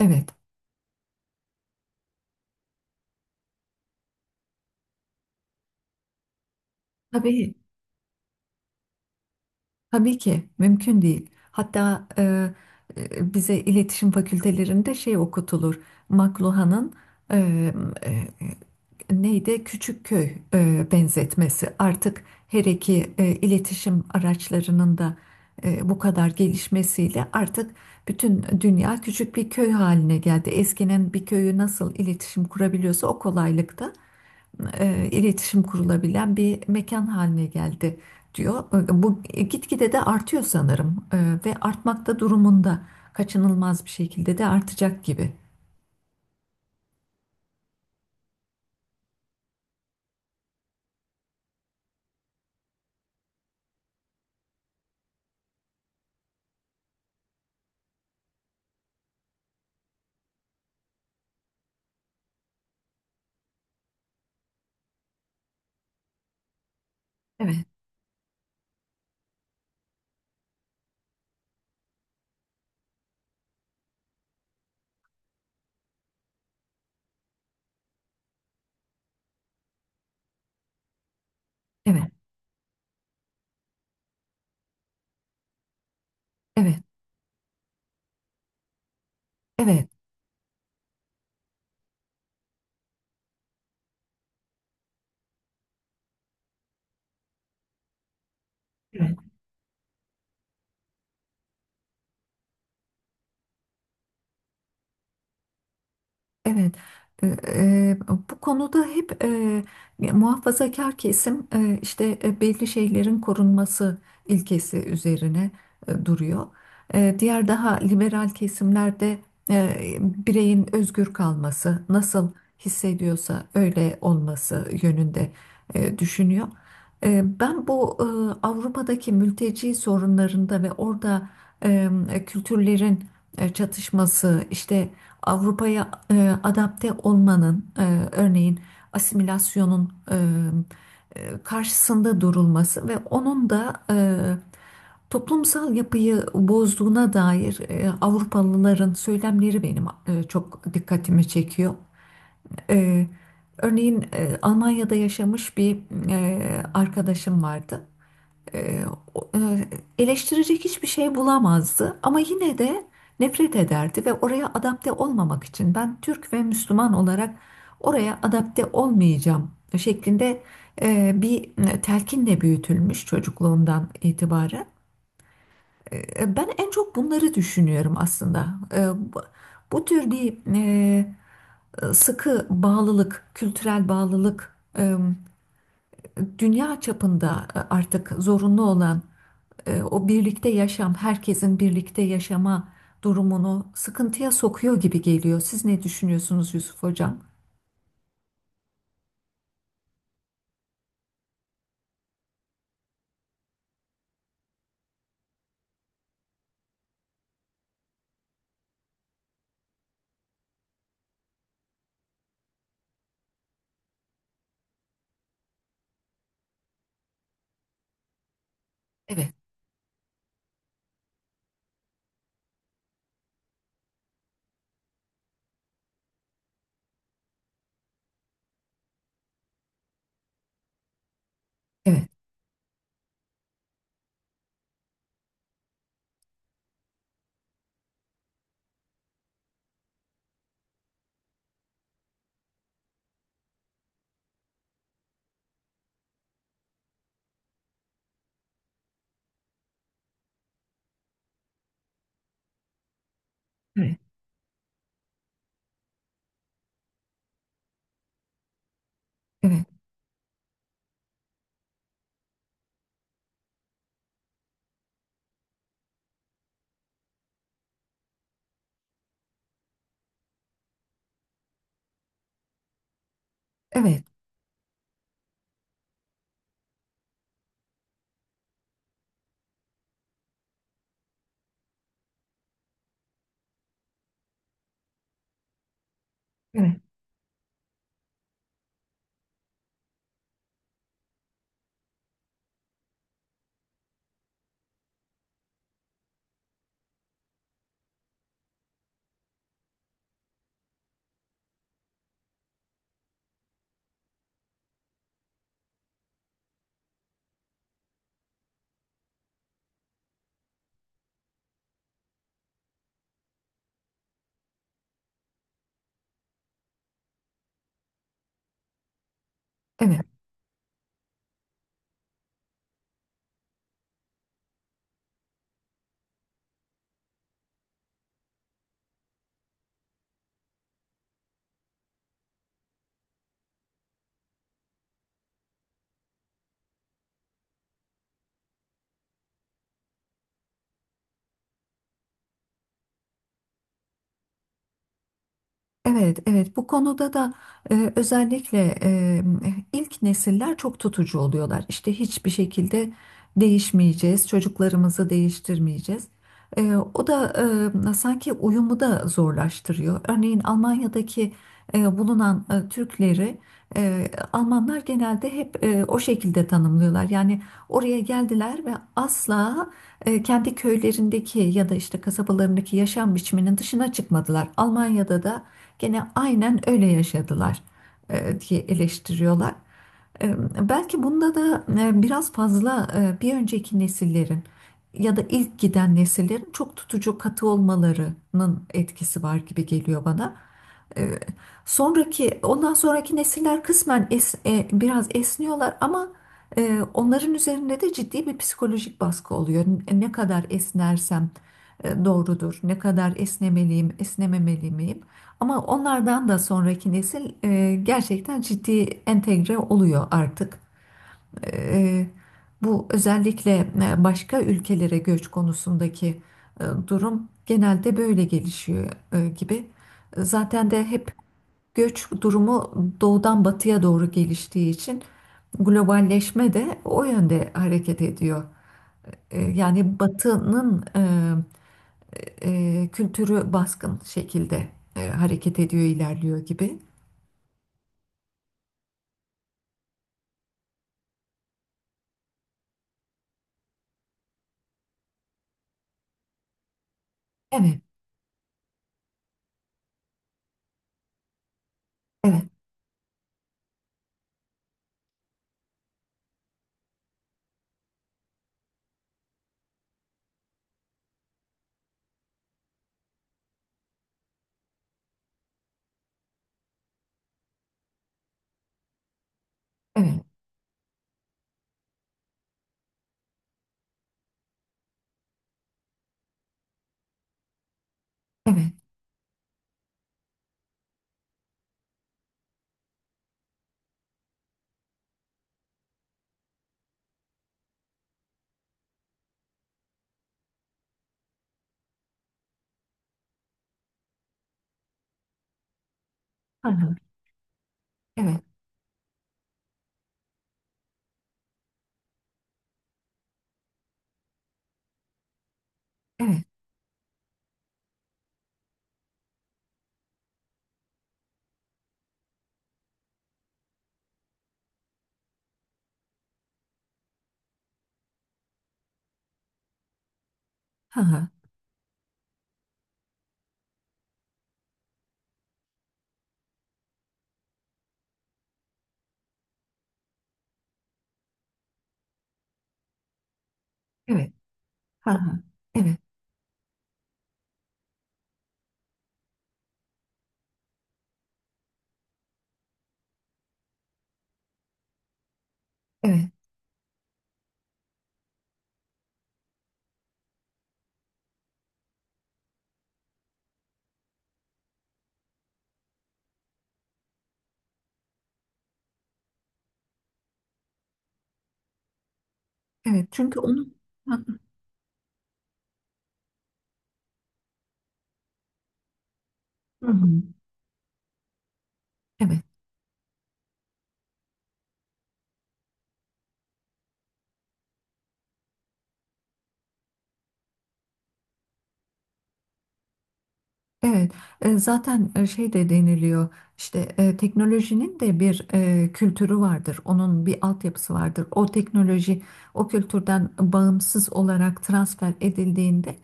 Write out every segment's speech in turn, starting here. Evet, tabii, tabii ki mümkün değil. Hatta bize iletişim fakültelerinde şey okutulur. McLuhan'ın e, e, neydi? Küçük köy benzetmesi. Artık her iki iletişim araçlarının da bu kadar gelişmesiyle artık bütün dünya küçük bir köy haline geldi. Eskinin bir köyü nasıl iletişim kurabiliyorsa o kolaylıkta iletişim kurulabilen bir mekan haline geldi diyor. Bu gitgide de artıyor sanırım, ve artmakta durumunda kaçınılmaz bir şekilde de artacak gibi. Evet, evet, evet, evet. Evet. Evet, e, e, bu konuda hep muhafazakar kesim işte belli şeylerin korunması ilkesi üzerine duruyor. E, diğer daha liberal kesimlerde e, bireyin özgür kalması, nasıl hissediyorsa öyle olması yönünde düşünüyor. Ben bu Avrupa'daki mülteci sorunlarında ve orada e, kültürlerin çatışması, işte Avrupa'ya adapte olmanın, örneğin asimilasyonun karşısında durulması ve onun da toplumsal yapıyı bozduğuna dair Avrupalıların söylemleri benim çok dikkatimi çekiyor. E, örneğin Almanya'da yaşamış bir e, arkadaşım vardı, e, o- e, eleştirecek hiçbir şey bulamazdı ama yine de nefret ederdi ve oraya adapte olmamak için ben Türk ve Müslüman olarak oraya adapte olmayacağım şeklinde bir telkinle büyütülmüş çocukluğundan itibaren. Ben en çok bunları düşünüyorum aslında. E, bu, bu tür bir sıkı bağlılık, kültürel bağlılık dünya çapında artık zorunlu olan o birlikte yaşam, herkesin birlikte yaşama durumunu sıkıntıya sokuyor gibi geliyor. Siz ne düşünüyorsunuz Yusuf Hocam? Evet, evet, evet, evet, evet, evet, evet. Evet, evet. Bu konuda da özellikle ilk nesiller çok tutucu oluyorlar. İşte hiçbir şekilde değişmeyeceğiz, çocuklarımızı değiştirmeyeceğiz. E, o da sanki uyumu da zorlaştırıyor. Örneğin Almanya'daki bulunan Türkleri e, Almanlar genelde hep o şekilde tanımlıyorlar. Yani oraya geldiler ve asla kendi köylerindeki ya da işte kasabalarındaki yaşam biçiminin dışına çıkmadılar. Almanya'da da gene aynen öyle yaşadılar diye eleştiriyorlar. E, Belki bunda da biraz fazla bir önceki nesillerin ya da ilk giden nesillerin çok tutucu katı olmalarının etkisi var gibi geliyor bana. E, sonraki, ondan sonraki nesiller kısmen biraz esniyorlar ama onların üzerinde de ciddi bir psikolojik baskı oluyor. Ne kadar esnersem doğrudur, ne kadar esnemeliyim, esnememeli miyim? Ama onlardan da sonraki nesil gerçekten ciddi entegre oluyor artık. E, e, Bu özellikle başka ülkelere göç konusundaki durum genelde böyle gelişiyor gibi. Zaten de hep göç durumu doğudan batıya doğru geliştiği için globalleşme de o yönde hareket ediyor. Yani batının kültürü baskın şekilde hareket ediyor, ilerliyor gibi. Evet, evet, evet, evet, hı hı, evet, evet, hı hı, evet, hı hı, evet, evet, evet. Çünkü onun... Hı hı, hı hı, evet. Evet, zaten şey de deniliyor işte teknolojinin de bir kültürü vardır, onun bir altyapısı vardır. O teknoloji o kültürden bağımsız olarak transfer edildiğinde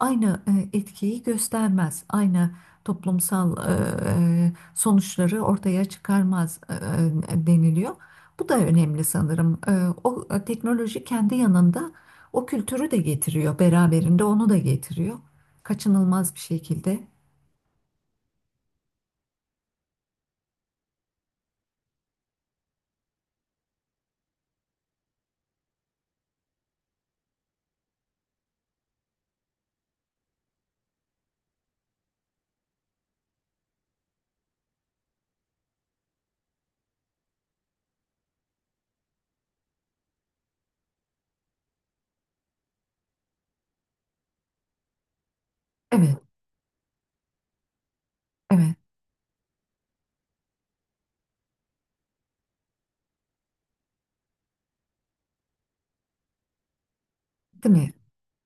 aynı etkiyi göstermez, aynı toplumsal sonuçları ortaya çıkarmaz deniliyor. Bu da önemli sanırım. E, o teknoloji kendi yanında o kültürü de getiriyor, beraberinde onu da getiriyor. Kaçınılmaz bir şekilde. Evet, evet, değil mi?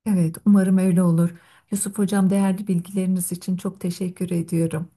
Evet, umarım öyle olur. Yusuf Hocam değerli bilgileriniz için çok teşekkür ediyorum.